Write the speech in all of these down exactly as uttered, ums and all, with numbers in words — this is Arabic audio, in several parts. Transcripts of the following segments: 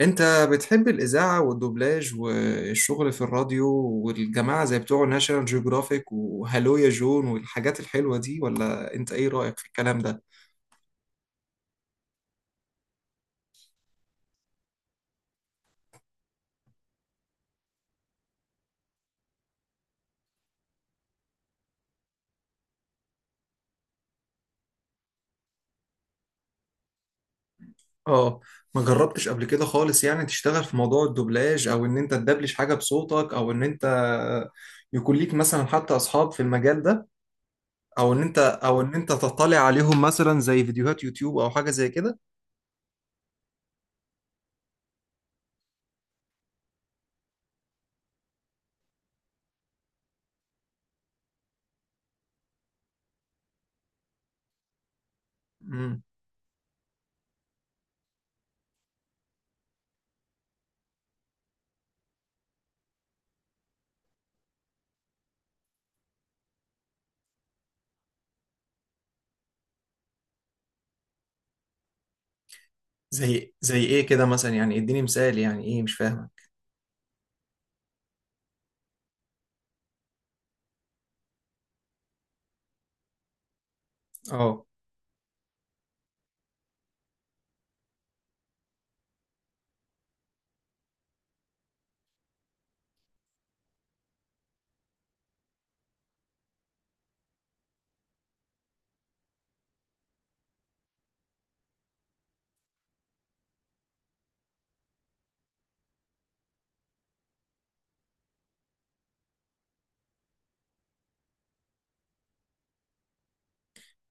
انت بتحب الاذاعه والدوبلاج والشغل في الراديو والجماعه زي بتوع ناشونال جيوغرافيك وهالو يا جون والحاجات الحلوه دي، ولا انت ايه رايك في الكلام ده؟ اه، ما جربتش قبل كده خالص، يعني تشتغل في موضوع الدوبلاج او ان انت تدبلج حاجه بصوتك، او ان انت يكون ليك مثلا حتى اصحاب في المجال ده، او ان انت او ان انت تطلع عليهم مثلا زي فيديوهات يوتيوب او حاجه زي كده. امم. زي زي ايه كده مثلا؟ يعني اديني مثال، يعني ايه؟ مش فاهمه.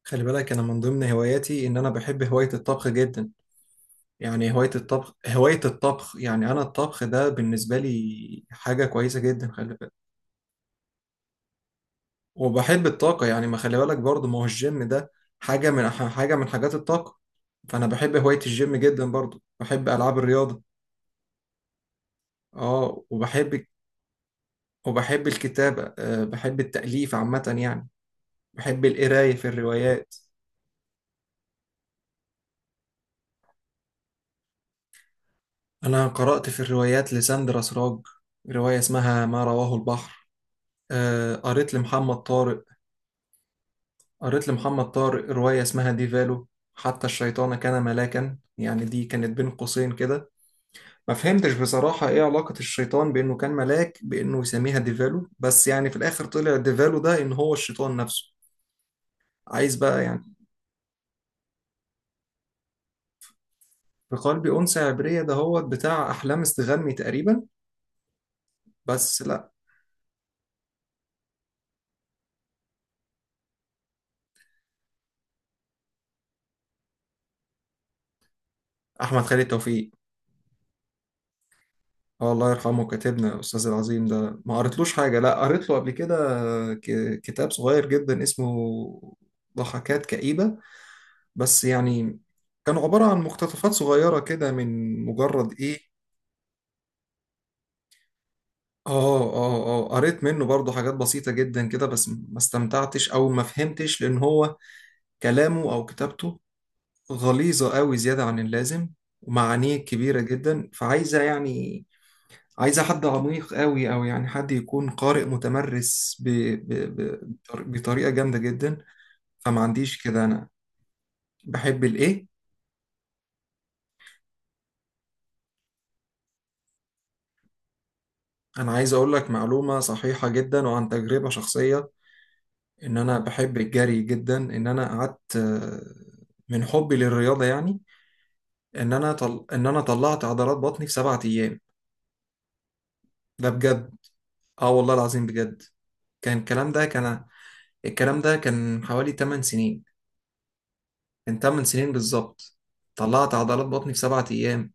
خلي بالك انا من ضمن هواياتي ان انا بحب هواية الطبخ جدا. يعني هواية الطبخ هواية الطبخ يعني انا الطبخ ده بالنسبة لي حاجة كويسة جدا. خلي بالك وبحب الطاقة، يعني ما خلي بالك برضه ما هو الجيم ده حاجة من حاجة من حاجات الطاقة. فانا بحب هواية الجيم جدا، برضه بحب العاب الرياضة. اه. وبحب وبحب الكتابة، أه بحب التأليف عامة، يعني بحب القراية في الروايات. انا قرأت في الروايات لساندرا سراج رواية اسمها ما رواه البحر. آه، قريت لمحمد طارق، قريت لمحمد طارق رواية اسمها ديفالو. حتى الشيطان كان ملاكا، يعني دي كانت بين قوسين كده. ما فهمتش بصراحة ايه علاقة الشيطان بانه كان ملاك، بانه يسميها ديفالو؟ بس يعني في الاخر طلع ديفالو ده ان هو الشيطان نفسه. عايز بقى يعني. في قلبي أنثى عبرية ده هو بتاع أحلام استغني تقريبا. بس لا. أحمد خالد توفيق. اه، الله يرحمه كاتبنا الاستاذ العظيم ده. ما قريتلوش حاجه، لا قريت له قبل كده ك- كتاب صغير جدا اسمه ضحكات كئيبه. بس يعني كانوا عباره عن مقتطفات صغيره كده من مجرد ايه. اه، اه، اه، قريت منه برضه حاجات بسيطه جدا كده، بس ما استمتعتش او ما فهمتش لان هو كلامه او كتابته غليظه قوي زياده عن اللازم، ومعانيه كبيره جدا فعايزه يعني عايزة حد عميق قوي، أو يعني حد يكون قارئ متمرس ب... ب... ب... بطريقة جامدة جدا. فما عنديش كده أنا. بحب الإيه؟ أنا عايز أقول لك معلومة صحيحة جدا وعن تجربة شخصية، إن أنا بحب الجري جدا، إن أنا قعدت آه، من حبي للرياضة، يعني إن أنا طل... إن أنا طلعت عضلات بطني في سبعة أيام. ده بجد، آه والله العظيم بجد. كان الكلام ده كان الكلام ده كان حوالي ثمان سنين، من ثمان سنين بالظبط. طلعت عضلات بطني في سبعة أيام.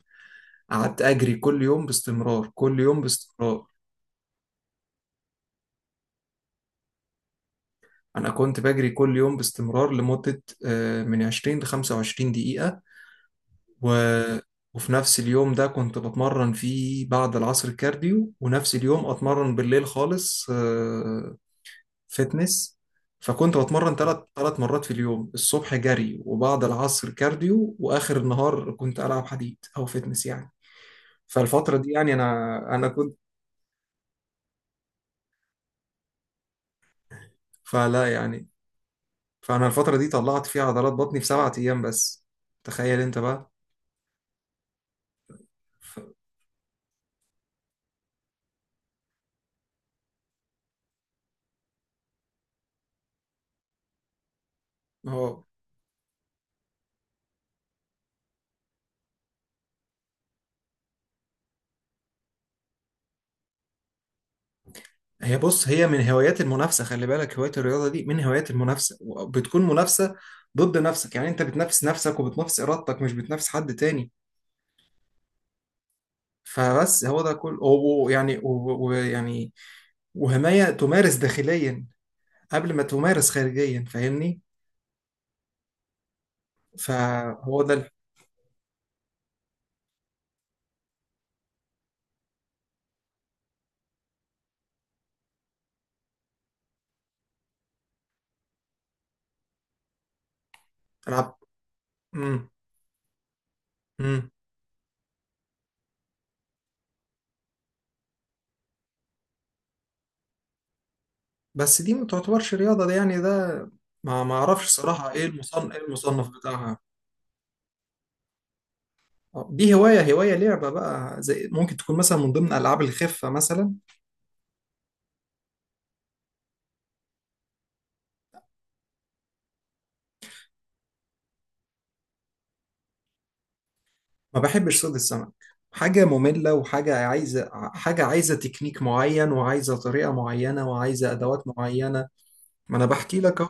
قعدت أجري كل يوم باستمرار، كل يوم باستمرار. أنا كنت بجري كل يوم باستمرار لمدة آه، من عشرين ل خمسة وعشرون دقيقة. و... وفي نفس اليوم ده كنت بتمرن فيه بعد العصر كارديو، ونفس اليوم أتمرن بالليل خالص. آه، فتنس. فكنت بتمرن ثلاث ثلاث مرات في اليوم، الصبح جري، وبعد العصر كارديو، وآخر النهار كنت ألعب حديد أو فتنس يعني. فالفترة دي يعني أنا أنا كنت. فلا يعني، فانا الفتره دي طلعت فيها عضلات بطني في سبعة ايام بس. تخيل انت بقى. ف- هو هي، بص هي من هوايات المنافسه، خلي بالك هوايه الرياضه دي من هوايات المنافسه. بتكون منافسه ضد نفسك، يعني انت بتنافس نفسك وبتنافس ارادتك مش بتنافس حد تاني. فبس هو ده كل و- ويعني و- ويعني وهمايه تمارس داخليا قبل ما تمارس خارجيا، فاهمني؟ فهو ده. العب. امم. بس دي ما تعتبرش رياضة، دي يعني ده ما ما اعرفش صراحة ايه المصنف، ايه المصنف بتاعها. آه، دي هواية هواية لعبة بقى، زي ممكن تكون مثلا من ضمن ألعاب الخفة مثلا. ما بحبش صيد السمك، حاجة مملة وحاجة عايزة حاجة عايزة تكنيك معين، وعايزة طريقة معينة، وعايزة أدوات معينة. ما أنا بحكي لك أهو.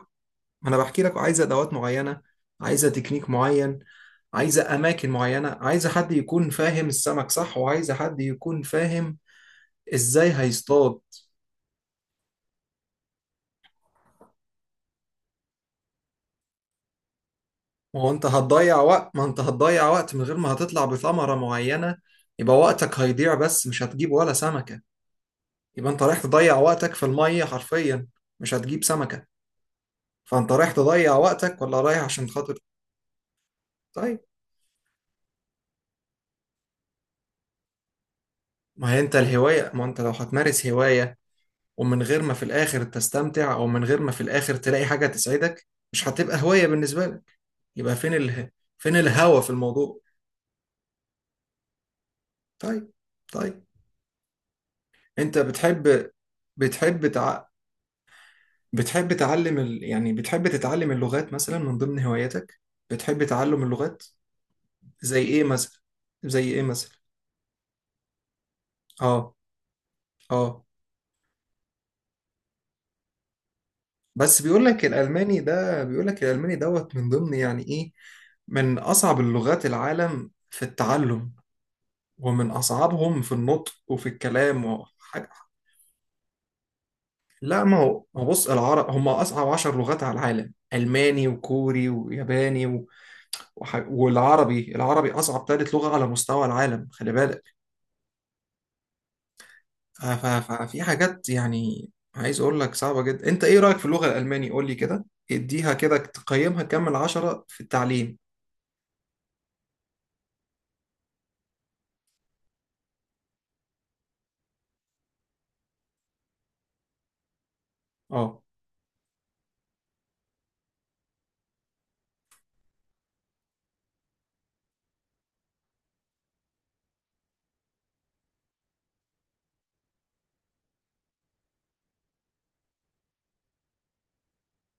ما أنا بحكي لك عايزة أدوات معينة، عايزة تكنيك معين، عايزة أماكن معينة، عايزة حد يكون فاهم السمك صح، وعايزة حد يكون فاهم ازاي هيصطاد. هو انت هتضيع وقت، ما انت هتضيع وقت من غير ما هتطلع بثمرة معينة. يبقى وقتك هيضيع، بس مش هتجيب ولا سمكة. يبقى انت رايح تضيع وقتك في المية حرفيا، مش هتجيب سمكة. فانت رايح تضيع وقتك ولا رايح عشان خاطر. طيب، ما هي انت الهواية، ما انت لو هتمارس هواية ومن غير ما في الاخر تستمتع، او من غير ما في الاخر تلاقي حاجة تسعدك، مش هتبقى هواية بالنسبة لك. يبقى فين اله... فين الهوى في الموضوع. طيب. طيب. انت بتحب، بتحب تع... بتحب تعلم ال... يعني بتحب تتعلم اللغات مثلا من ضمن هواياتك؟ بتحب تعلم اللغات؟ زي ايه مثلا؟ زي ايه مثلا؟ اه، اه. بس بيقول لك الالماني ده بيقول لك الالماني دوت من ضمن يعني ايه، من اصعب اللغات العالم في التعلم، ومن اصعبهم في النطق وفي الكلام وحاجة. لا، ما هو ما هو بص العرب هم اصعب عشر لغات على العالم، الماني وكوري وياباني و... وح... والعربي العربي اصعب ثالث لغة على مستوى العالم، خلي بالك. ف- ف- ففي حاجات يعني، عايز اقول لك صعبة جدا. انت ايه رأيك في اللغة الألماني؟ قول لي كده. اديها كده، تقيمها كام من عشرة في التعليم؟ اه.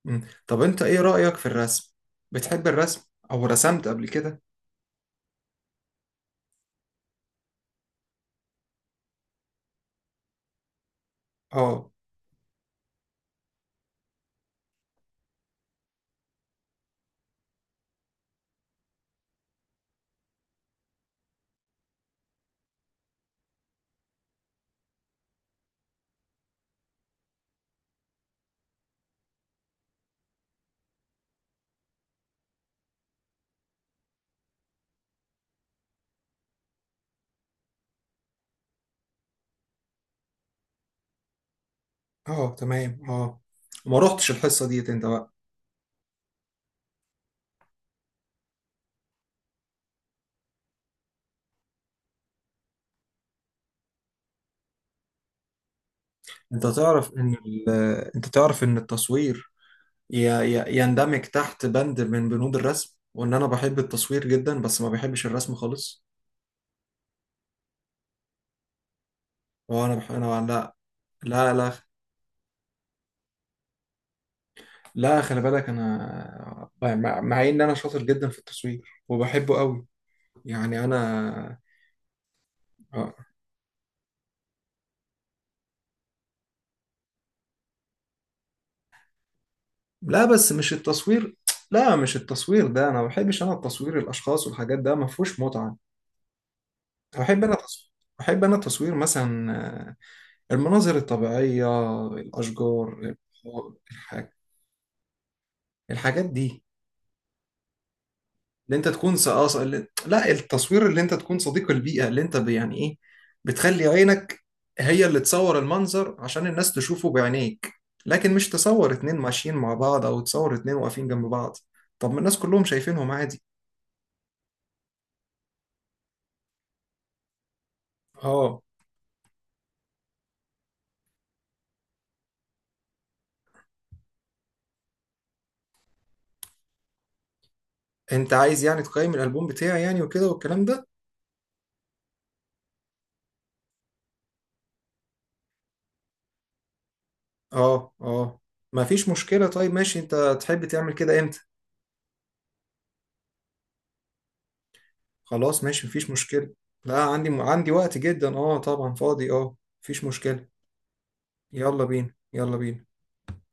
مم. طب انت ايه رأيك في الرسم؟ بتحب الرسم؟ او رسمت قبل كده؟ اه، اه، تمام، اه. ما رحتش الحصة ديت انت بقى. انت تعرف ان ال... انت تعرف ان التصوير ي... ي... يندمج تحت بند من بنود الرسم، وان انا بحب التصوير جدا، بس ما بحبش الرسم خالص. وانا بح... انا لا، لا، لا، لا، خلي بالك انا يعني مع مع ان انا شاطر جدا في التصوير وبحبه قوي يعني انا. آه. لا، بس مش التصوير. لا، مش التصوير ده. انا ما بحبش انا التصوير الاشخاص والحاجات ده ما فيهوش متعة. بحب انا تصوير بحب انا تصوير مثلا، آه، المناظر الطبيعية، الاشجار، الح- الحاجات دي. اللي انت تكون ص- اه ص- اللي- لا التصوير اللي انت تكون صديق البيئة، اللي انت ب- يعني ايه، بتخلي عينك هي اللي تصور المنظر عشان الناس تشوفه بعينيك، لكن مش تصور اتنين ماشيين مع بعض او تصور اتنين واقفين جنب بعض. طب ما الناس كلهم شايفينهم عادي. اه، انت عايز يعني تقيم الالبوم بتاعي يعني وكده والكلام ده؟ اه، اه، ما فيش مشكلة. طيب ماشي. انت تحب تعمل كده امتى؟ خلاص ماشي مفيش مشكلة. لا، عندي عندي وقت جدا، اه طبعا فاضي اه. مفيش مشكلة. يلا بينا، يلا بينا.